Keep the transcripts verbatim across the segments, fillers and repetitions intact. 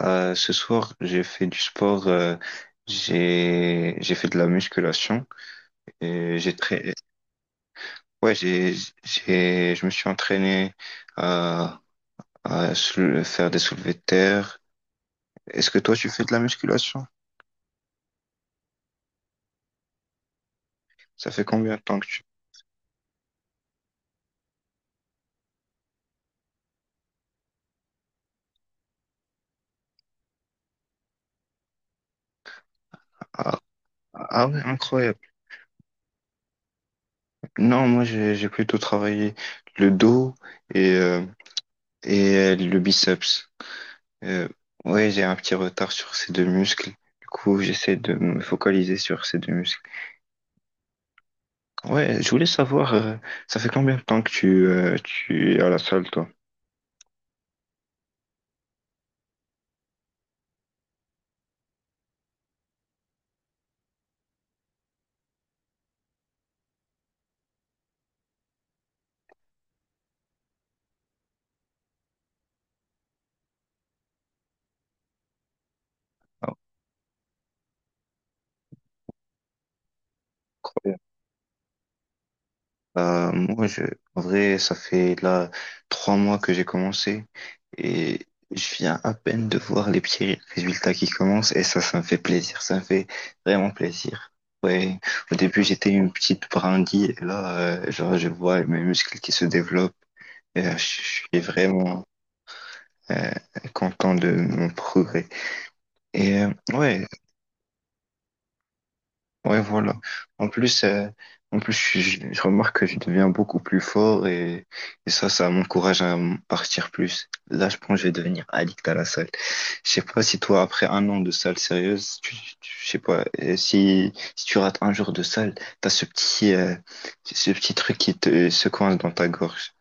Euh, ce soir, j'ai fait du sport, euh, j'ai j'ai fait de la musculation et j'ai très ouais, j'ai j'ai je me suis entraîné à à sou- faire des soulevés de terre. Est-ce que toi tu fais de la musculation? Ça fait combien de temps que tu. Ah, ah ouais, incroyable. Non, moi j'ai j'ai plutôt travaillé le dos et euh, et euh, le biceps. Euh, ouais, j'ai un petit retard sur ces deux muscles. Du coup, j'essaie de me focaliser sur ces deux muscles. Ouais, je voulais savoir, euh, ça fait combien de temps que tu, euh, tu es à la salle, toi? Ah, Incroyable. Euh, moi, je, en vrai, ça fait là trois mois que j'ai commencé et je viens à peine de voir les petits résultats qui commencent et ça, ça me fait plaisir, ça me fait vraiment plaisir. Ouais, au début, j'étais une petite brindille et là, euh, genre, je vois mes muscles qui se développent et euh, je je suis vraiment euh, content de mon progrès. Et euh, ouais, ouais, voilà. En plus, euh, en plus, je, je- je remarque que je deviens beaucoup plus fort et, et ça, ça, m'encourage à m- partir plus. Là, je pense que je vais devenir addict à la salle. Je sais pas si toi, après un an de salle sérieuse, tu, tu- je sais pas, euh, si, si tu rates un jour de salle, t'as ce petit, euh, ce petit truc qui te se coince dans ta gorge.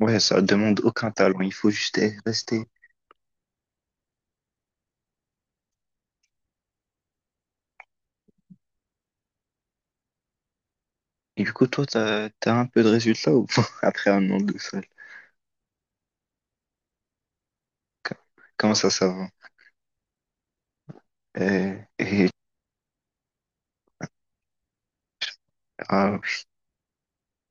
Ouais, ça demande aucun talent. Il faut juste eh, rester. Et du coup, toi, t'as, t'as un peu de résultat ou pas après un an de salle? Comment ça, ça va? Euh, Et, Ah,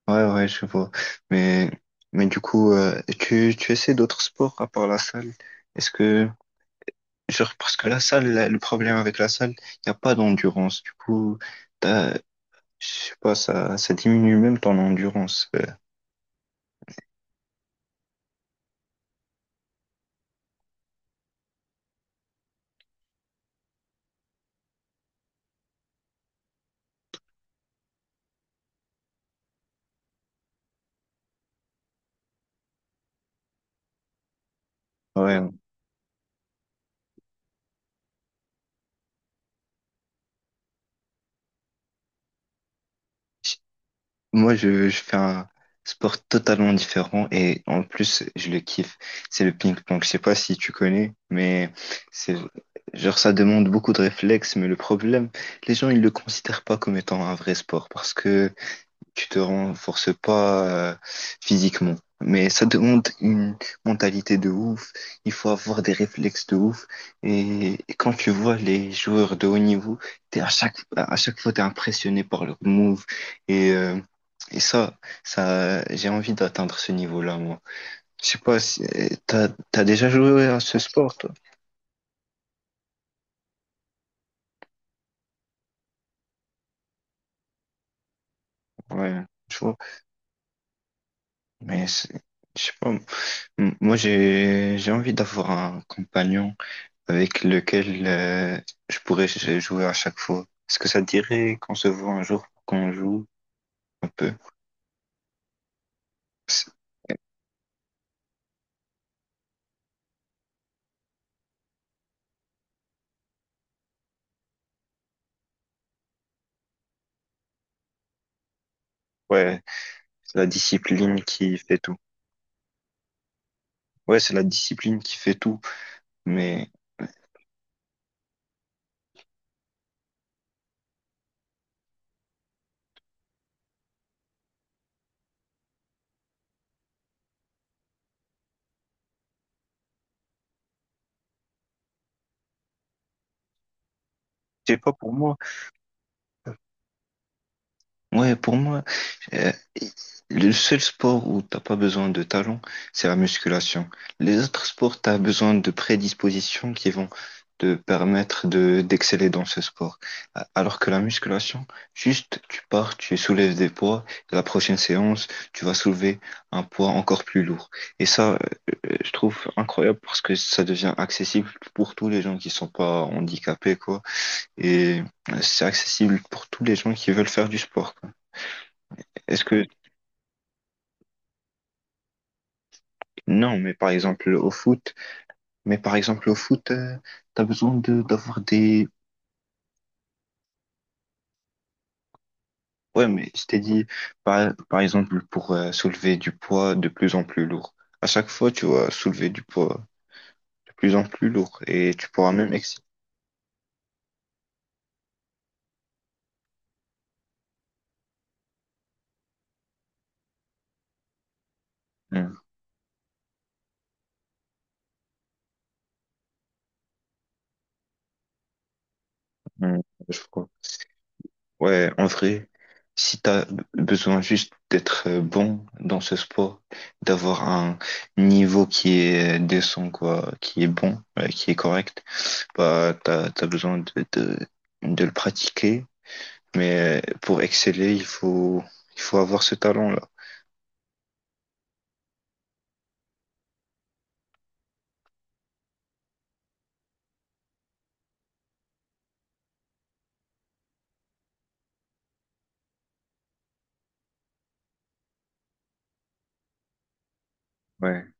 ouais, ouais, je vois. Mais, mais du coup, euh, tu, tu essaies d'autres sports à part la salle? Est-ce que, genre, parce que la salle, la- le problème avec la salle, il n'y a pas d'endurance. Du coup, t'as, je sais pas, ça, ça diminue même ton endurance. Euh, ouais. Moi, je, je fais un sport totalement différent et en plus, je le kiffe. C'est le ping-pong. Je sais pas si tu connais, mais c'est genre ça demande beaucoup de réflexes. Mais le problème, les gens, ils le considèrent pas comme étant un vrai sport parce que tu te renforces pas euh, physiquement. Mais ça demande une mentalité de ouf. Il faut avoir des réflexes de ouf. Et, et quand tu vois les joueurs de haut niveau, t'es à chaque, à chaque fois, t'es impressionné par leurs moves. Et, euh, et ça, ça, j'ai envie d'atteindre ce niveau-là, moi. Je sais pas si euh, t'as, t'as déjà joué à ce sport, toi? Ouais, je vois. Mais c'est- je sais pas. M- Moi, j'ai, j'ai envie d'avoir un compagnon avec lequel euh, je pourrais j- jouer à chaque fois. Est-ce que ça te dirait qu'on se voit un jour, qu'on joue un peu? C'est- Ouais, c'est la discipline qui fait tout. Ouais, c'est la discipline qui fait tout. Mais je sais pas pour moi. Ouais, pour moi. Euh, Le seul sport où t'as pas besoin de talent, c'est la musculation. Les autres sports, t'as besoin de prédispositions qui vont te permettre de d'exceller dans ce sport. A- Alors que la musculation, juste tu pars, tu soulèves des poids, et la prochaine séance, tu vas soulever un poids encore plus lourd. Et ça, euh, euh, je trouve incroyable parce que ça devient accessible pour tous les gens qui sont pas handicapés, quoi. Et euh, c'est accessible pour tous les gens qui veulent faire du sport, quoi. Est-ce que Non, mais par exemple au foot, mais par exemple au foot, euh, t'as besoin de d'avoir des. Ouais, mais je t'ai dit, par, par exemple, pour euh, soulever du poids de plus en plus lourd. À chaque fois, tu vas soulever du poids de plus en plus lourd et tu pourras même exciter. je crois. Ouais, en vrai, si t'as besoin juste d'être euh, bon dans ce sport, d'avoir un niveau qui est euh, décent, quoi, qui est bon, euh, qui est correct. Bah, t'as, t'as besoin de, de, de le pratiquer, mais euh, pour exceller, il faut, il faut avoir ce talent-là. Ouais.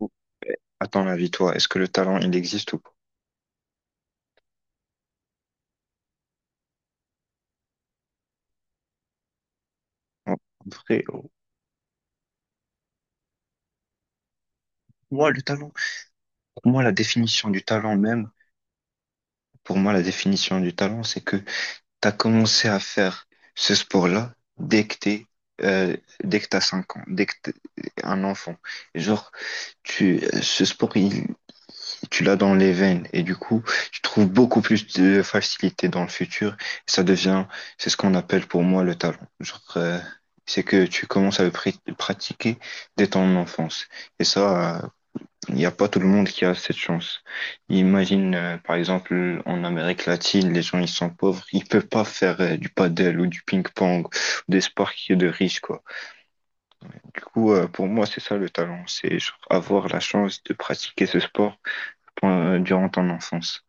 Ou- À ton avis, toi, est-ce que le talent, il existe ou pas? En en vrai, oh, moi, le talent, pour moi, la définition du talent même, pour moi, la définition du talent, c'est que t'as commencé à faire ce sport-là dès que t'es, euh, dès que t'as cinq ans, dès que t'es un enfant. Genre, tu, ce sport, il, tu l'as dans les veines et du coup, tu trouves beaucoup plus de facilité dans le futur. ça devient, c'est ce qu'on appelle pour moi le talent. Genre, euh, c'est que tu commences à le pr- pratiquer dès ton enfance. Et ça, euh, il n'y a pas tout le monde qui a cette chance. Imagine, euh, par exemple, en Amérique latine, les gens, ils sont pauvres, ils peuvent pas faire euh, du paddle ou du ping-pong, des sports qui sont de riches, quoi. Du coup, euh, pour moi, c'est ça le talent, c'est genre avoir la chance de pratiquer ce sport euh, durant ton enfance.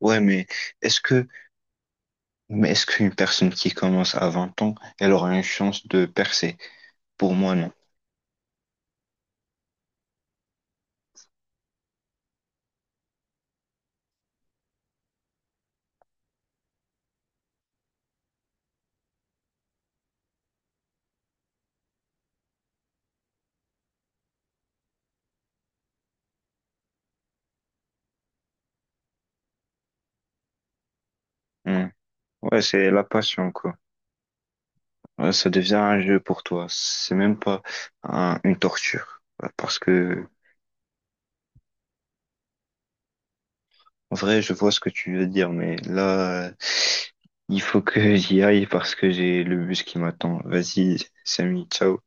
Ouais, mais est-ce que, mais est-ce qu'une personne qui commence à vingt ans, elle aura une chance de percer? Pour moi, non. Hmm. Ouais, c'est la passion, quoi. Ouais, ça devient un jeu pour toi. C'est même pas un- une torture. Ouais, Parce que, en vrai, je vois ce que tu veux dire, mais là, euh, il faut que j'y aille parce que j'ai le bus qui m'attend. Vas-y, Samy, ciao.